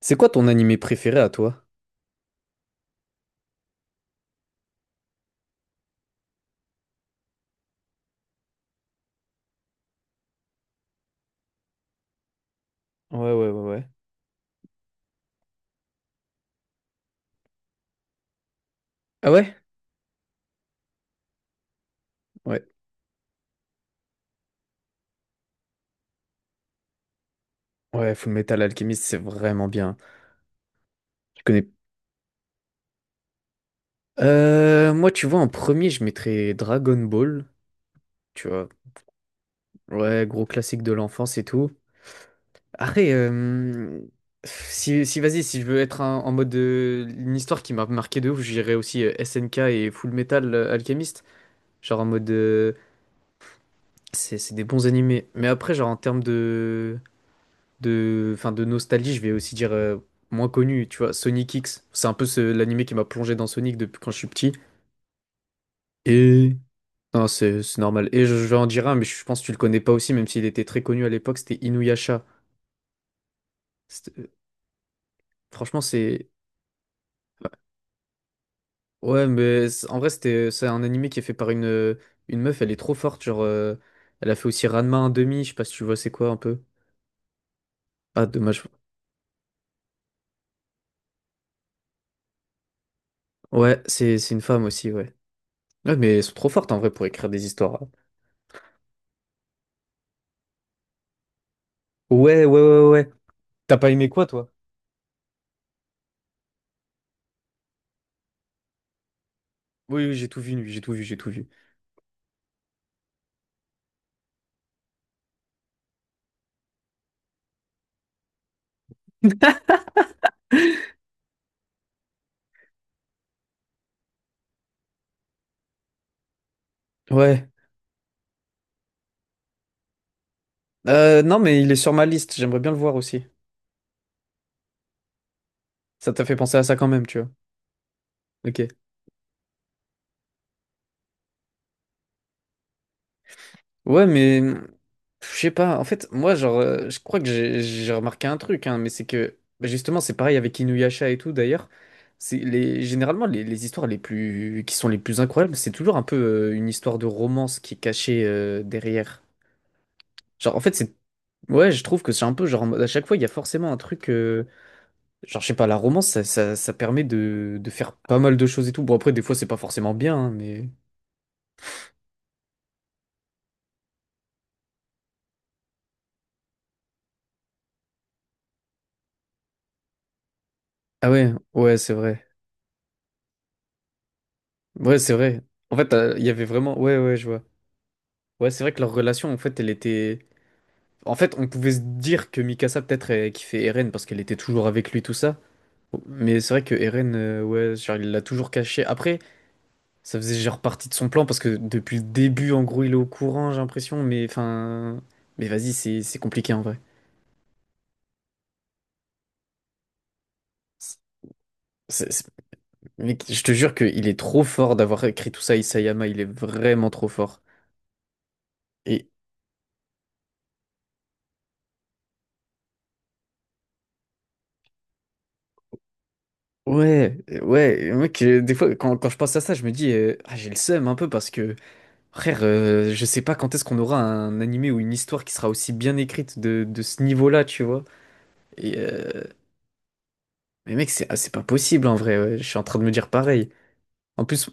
C'est quoi ton animé préféré à toi? Ouais, ouais, ouais, ouais. Ah ouais? Ouais. Ouais, Full Metal Alchemist, c'est vraiment bien. Je connais. Moi, tu vois, en premier, je mettrais Dragon Ball. Tu vois. Ouais, gros classique de l'enfance et tout. Après, euh, Si, si vas-y, si je veux être en mode une histoire qui m'a marqué de ouf, j'irais aussi SNK et Full Metal Alchemist. Genre en mode. C'est des bons animés. Mais après, genre en termes de, enfin, de nostalgie, je vais aussi dire moins connu, tu vois, Sonic X. C'est un peu l'animé qui m'a plongé dans Sonic depuis quand je suis petit. Et non, c'est normal. Et je vais en dire un, mais je pense que tu le connais pas aussi, même s'il était très connu à l'époque, c'était Inuyasha. C'était- euh, Franchement, c'est ouais, mais en vrai, c'est un animé qui est fait par une meuf, elle est trop forte, elle a fait aussi Ranma 1/2, je sais pas si tu vois c'est quoi un peu. Ah, dommage. Ouais, c'est une femme aussi, ouais. Ouais, mais elles sont trop fortes en vrai pour écrire des histoires. Ouais, ouais, ouais, ouais. T'as pas aimé quoi, toi? Oui, oui, j'ai tout vu, lui, j'ai tout vu, j'ai tout vu. Ouais. Non, mais il est sur ma liste, j'aimerais bien le voir aussi. Ça t'a fait penser à ça quand même, tu vois. Ok. Ouais, je sais pas. En fait, moi, je crois que j'ai remarqué un truc, hein, mais c'est que bah, justement, c'est pareil avec Inuyasha et tout d'ailleurs. C'est les généralement les histoires les plus qui sont les plus incroyables, c'est toujours un peu une histoire de romance qui est cachée derrière. Genre, en fait, c'est ouais, Je trouve que c'est un peu genre en mode à chaque fois, il y a forcément un truc. Genre, je sais pas, la romance, ça permet de faire pas mal de choses et tout. Bon, après, des fois, c'est pas forcément bien, hein, mais… Ah ouais, ouais, c'est vrai. Ouais, c'est vrai. En fait, il y avait vraiment... Ouais, ouais, je vois. Ouais, c'est vrai que leur relation, en fait, elle était… En fait, on pouvait se dire que Mikasa, peut-être, elle kiffait Eren parce qu'elle était toujours avec lui, tout ça. Mais c'est vrai que Eren, ouais, genre, il l'a toujours caché. Après, ça faisait genre partie de son plan parce que depuis le début, en gros, il est au courant, j'ai l'impression. Mais enfin… Mais vas-y, c'est compliqué, en vrai. C'est- Mec, je te jure qu'il est trop fort d'avoir écrit tout ça, Isayama, il est vraiment trop fort. Et ouais, ouais, mec, des fois, quand je pense à ça, je me dis, j'ai le seum un peu parce que, frère, je sais pas quand est-ce qu'on aura un animé ou une histoire qui sera aussi bien écrite de ce niveau-là, tu vois. Et, euh, mais mec, c'est pas possible en vrai, ouais, je suis en train de me dire pareil. En plus,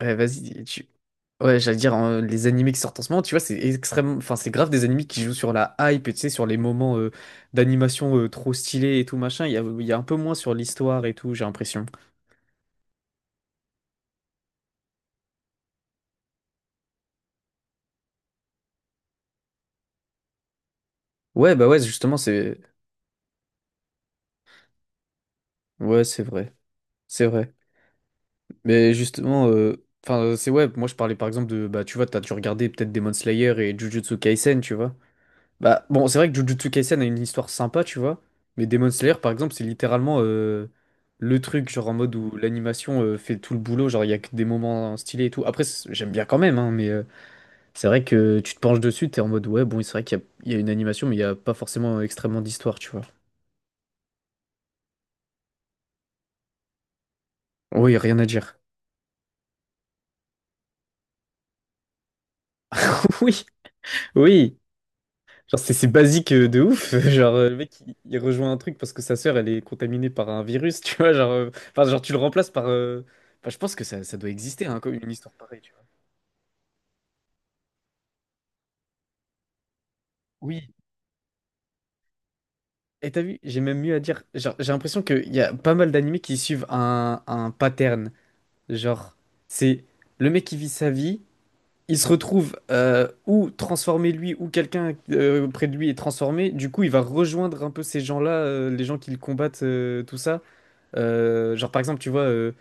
ouais, vas-y, tu… Ouais, j'allais dire, hein, les animés qui sortent en ce moment, tu vois, c'est extrêmement… Enfin, c'est grave des animés qui jouent sur la hype, et tu sais, sur les moments d'animation trop stylés et tout, machin. Il y a un peu moins sur l'histoire et tout, j'ai l'impression. Ouais, bah ouais, justement, c'est… Ouais, c'est vrai. C'est vrai. Mais justement, moi je parlais par exemple de… Bah, tu vois, t'as dû regarder peut-être Demon Slayer et Jujutsu Kaisen, tu vois. Bah, bon, c'est vrai que Jujutsu Kaisen a une histoire sympa, tu vois. Mais Demon Slayer, par exemple, c'est littéralement le truc, genre en mode où l'animation fait tout le boulot. Genre, il y a que des moments stylés et tout. Après, j'aime bien quand même, hein, mais c'est vrai que tu te penches dessus, t'es en mode, ouais, bon, c'est vrai qu'il y a une animation, mais il n'y a pas forcément extrêmement d'histoire, tu vois. Oui, rien à dire. Oui, oui. Genre, c'est basique de ouf. Le mec, il rejoint un truc parce que sa sœur, elle est contaminée par un virus, tu vois. Genre tu le remplaces par. Enfin, je pense que ça doit exister, hein, comme une histoire pareille, tu vois. Oui. Et t'as vu, j'ai même mieux à dire. Genre, j'ai l'impression qu'il y a pas mal d'animés qui suivent un pattern. Genre, c'est le mec qui vit sa vie, il se retrouve ou transformé lui, ou quelqu'un près de lui est transformé. Du coup, il va rejoindre un peu ces gens-là, les gens qui le combattent, tout ça. Genre par exemple, tu vois,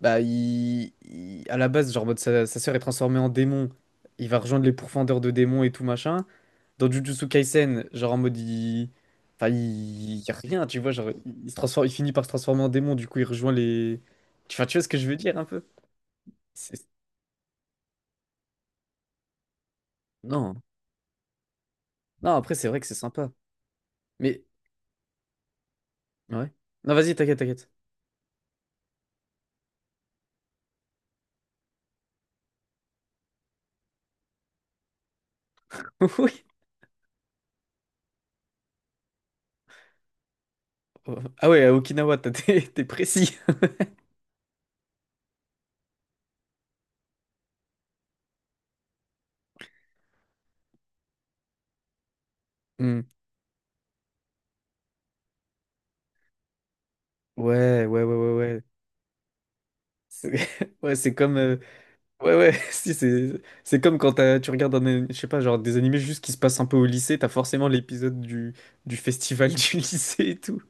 bah, à la base, genre, en mode, sa sœur est transformée en démon. Il va rejoindre les pourfendeurs de démons et tout machin. Dans Jujutsu Kaisen, genre, en mode, il. Enfin, il y a rien, tu vois. Genre, se transforme, il finit par se transformer en démon, du coup, il rejoint les. Enfin, tu vois ce que je veux dire un peu? C'est- Non. Non, après, c'est vrai que c'est sympa. Mais. Ouais. Non, vas-y, t'inquiète, t'inquiète. Oui. Ah ouais, à Okinawa, t'es précis. Hmm. Ouais, ouais, ouais, ouais, ouais. C'est ouais, c'est comme ouais, ouais, si, c'est comme quand tu regardes un, je sais pas, genre des animés juste qui se passent un peu au lycée, t'as forcément l'épisode du festival du lycée et tout.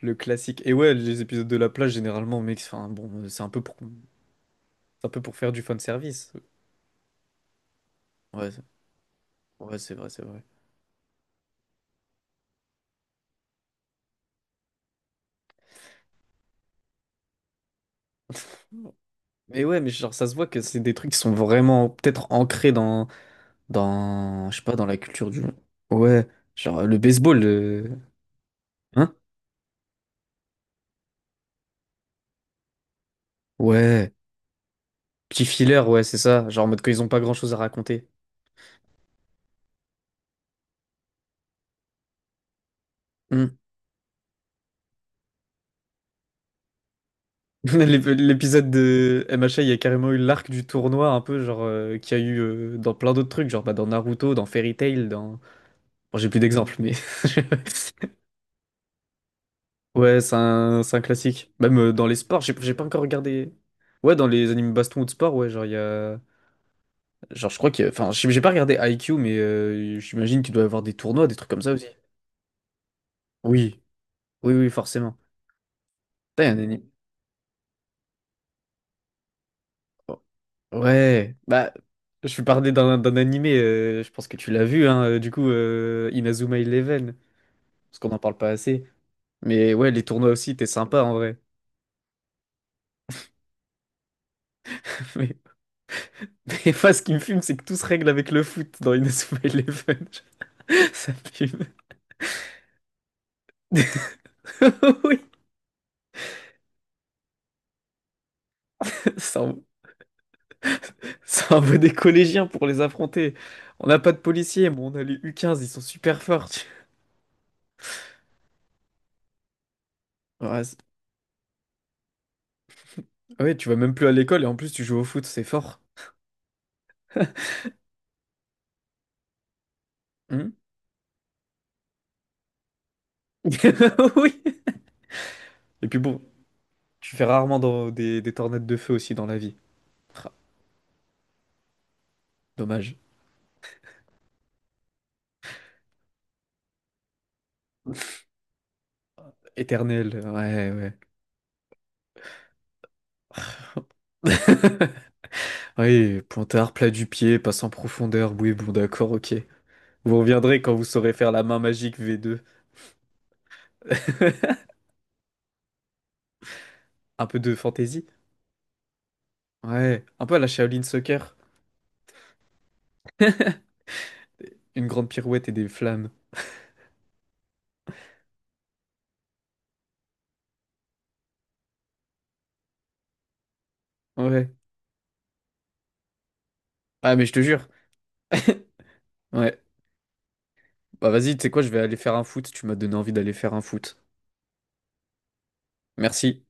Le classique. Et ouais, les épisodes de la plage, généralement, mec, enfin, bon, c'est un peu pour faire du fan service. Ouais, c'est- ouais, c'est vrai, c'est vrai. Mais ouais, mais genre, ça se voit que c'est des trucs qui sont vraiment peut-être ancrés dans, je sais pas, dans la culture du. Ouais, genre le baseball, hein? Ouais, petit filler, ouais, c'est ça. Genre en mode quand ils ont pas grand-chose à raconter. Hmm. L'épisode de MHA, il y a carrément eu l'arc du tournoi, un peu, genre, qu'il y a eu dans plein d'autres trucs, genre bah, dans Naruto, dans Fairy Tail, dans. Bon, j'ai plus d'exemples, mais. Ouais, c'est un classique. Même dans les sports, j'ai pas encore regardé. Ouais, dans les animes baston ou de sport, ouais, genre, il y a. Genre, je crois que. Enfin, j'ai pas regardé IQ, mais j'imagine qu'il doit y avoir des tournois, des trucs comme ça aussi. Oui. Oui, oui, forcément. Putain, il y a un anime. Oh. Ouais, bah, je vais parler d'un d'un animé, je pense que tu l'as vu, hein, du coup, Inazuma Eleven, parce qu'on n'en parle pas assez. Mais ouais, les tournois aussi étaient sympas en vrai. Mais moi, ce qui me fume, c'est que tout se règle avec le foot dans Inazuma Eleven. Ça me fume. Oui, c'est un, ça envoie des collégiens pour les affronter. On n'a pas de policiers, mais on a les U15 ils sont super forts. tu- Ouais, c'est- ouais, tu vas même plus à l'école et en plus tu joues au foot, c'est fort. Hmm Oui. Et puis bon, tu fais rarement dans des tornades de feu aussi dans la vie. Ah, dommage. Éternel, ouais, ouais. Oui, pointard, plat du pied, passe en profondeur. Oui, bon, d'accord, ok. Vous reviendrez quand vous saurez faire la main magique V2. Un peu de fantaisie. Ouais, un peu à la Shaolin Soccer. Une grande pirouette et des flammes. Ouais. Ah, mais je te jure. Ouais. Bah vas-y, tu sais quoi, je vais aller faire un foot. Tu m'as donné envie d'aller faire un foot. Merci.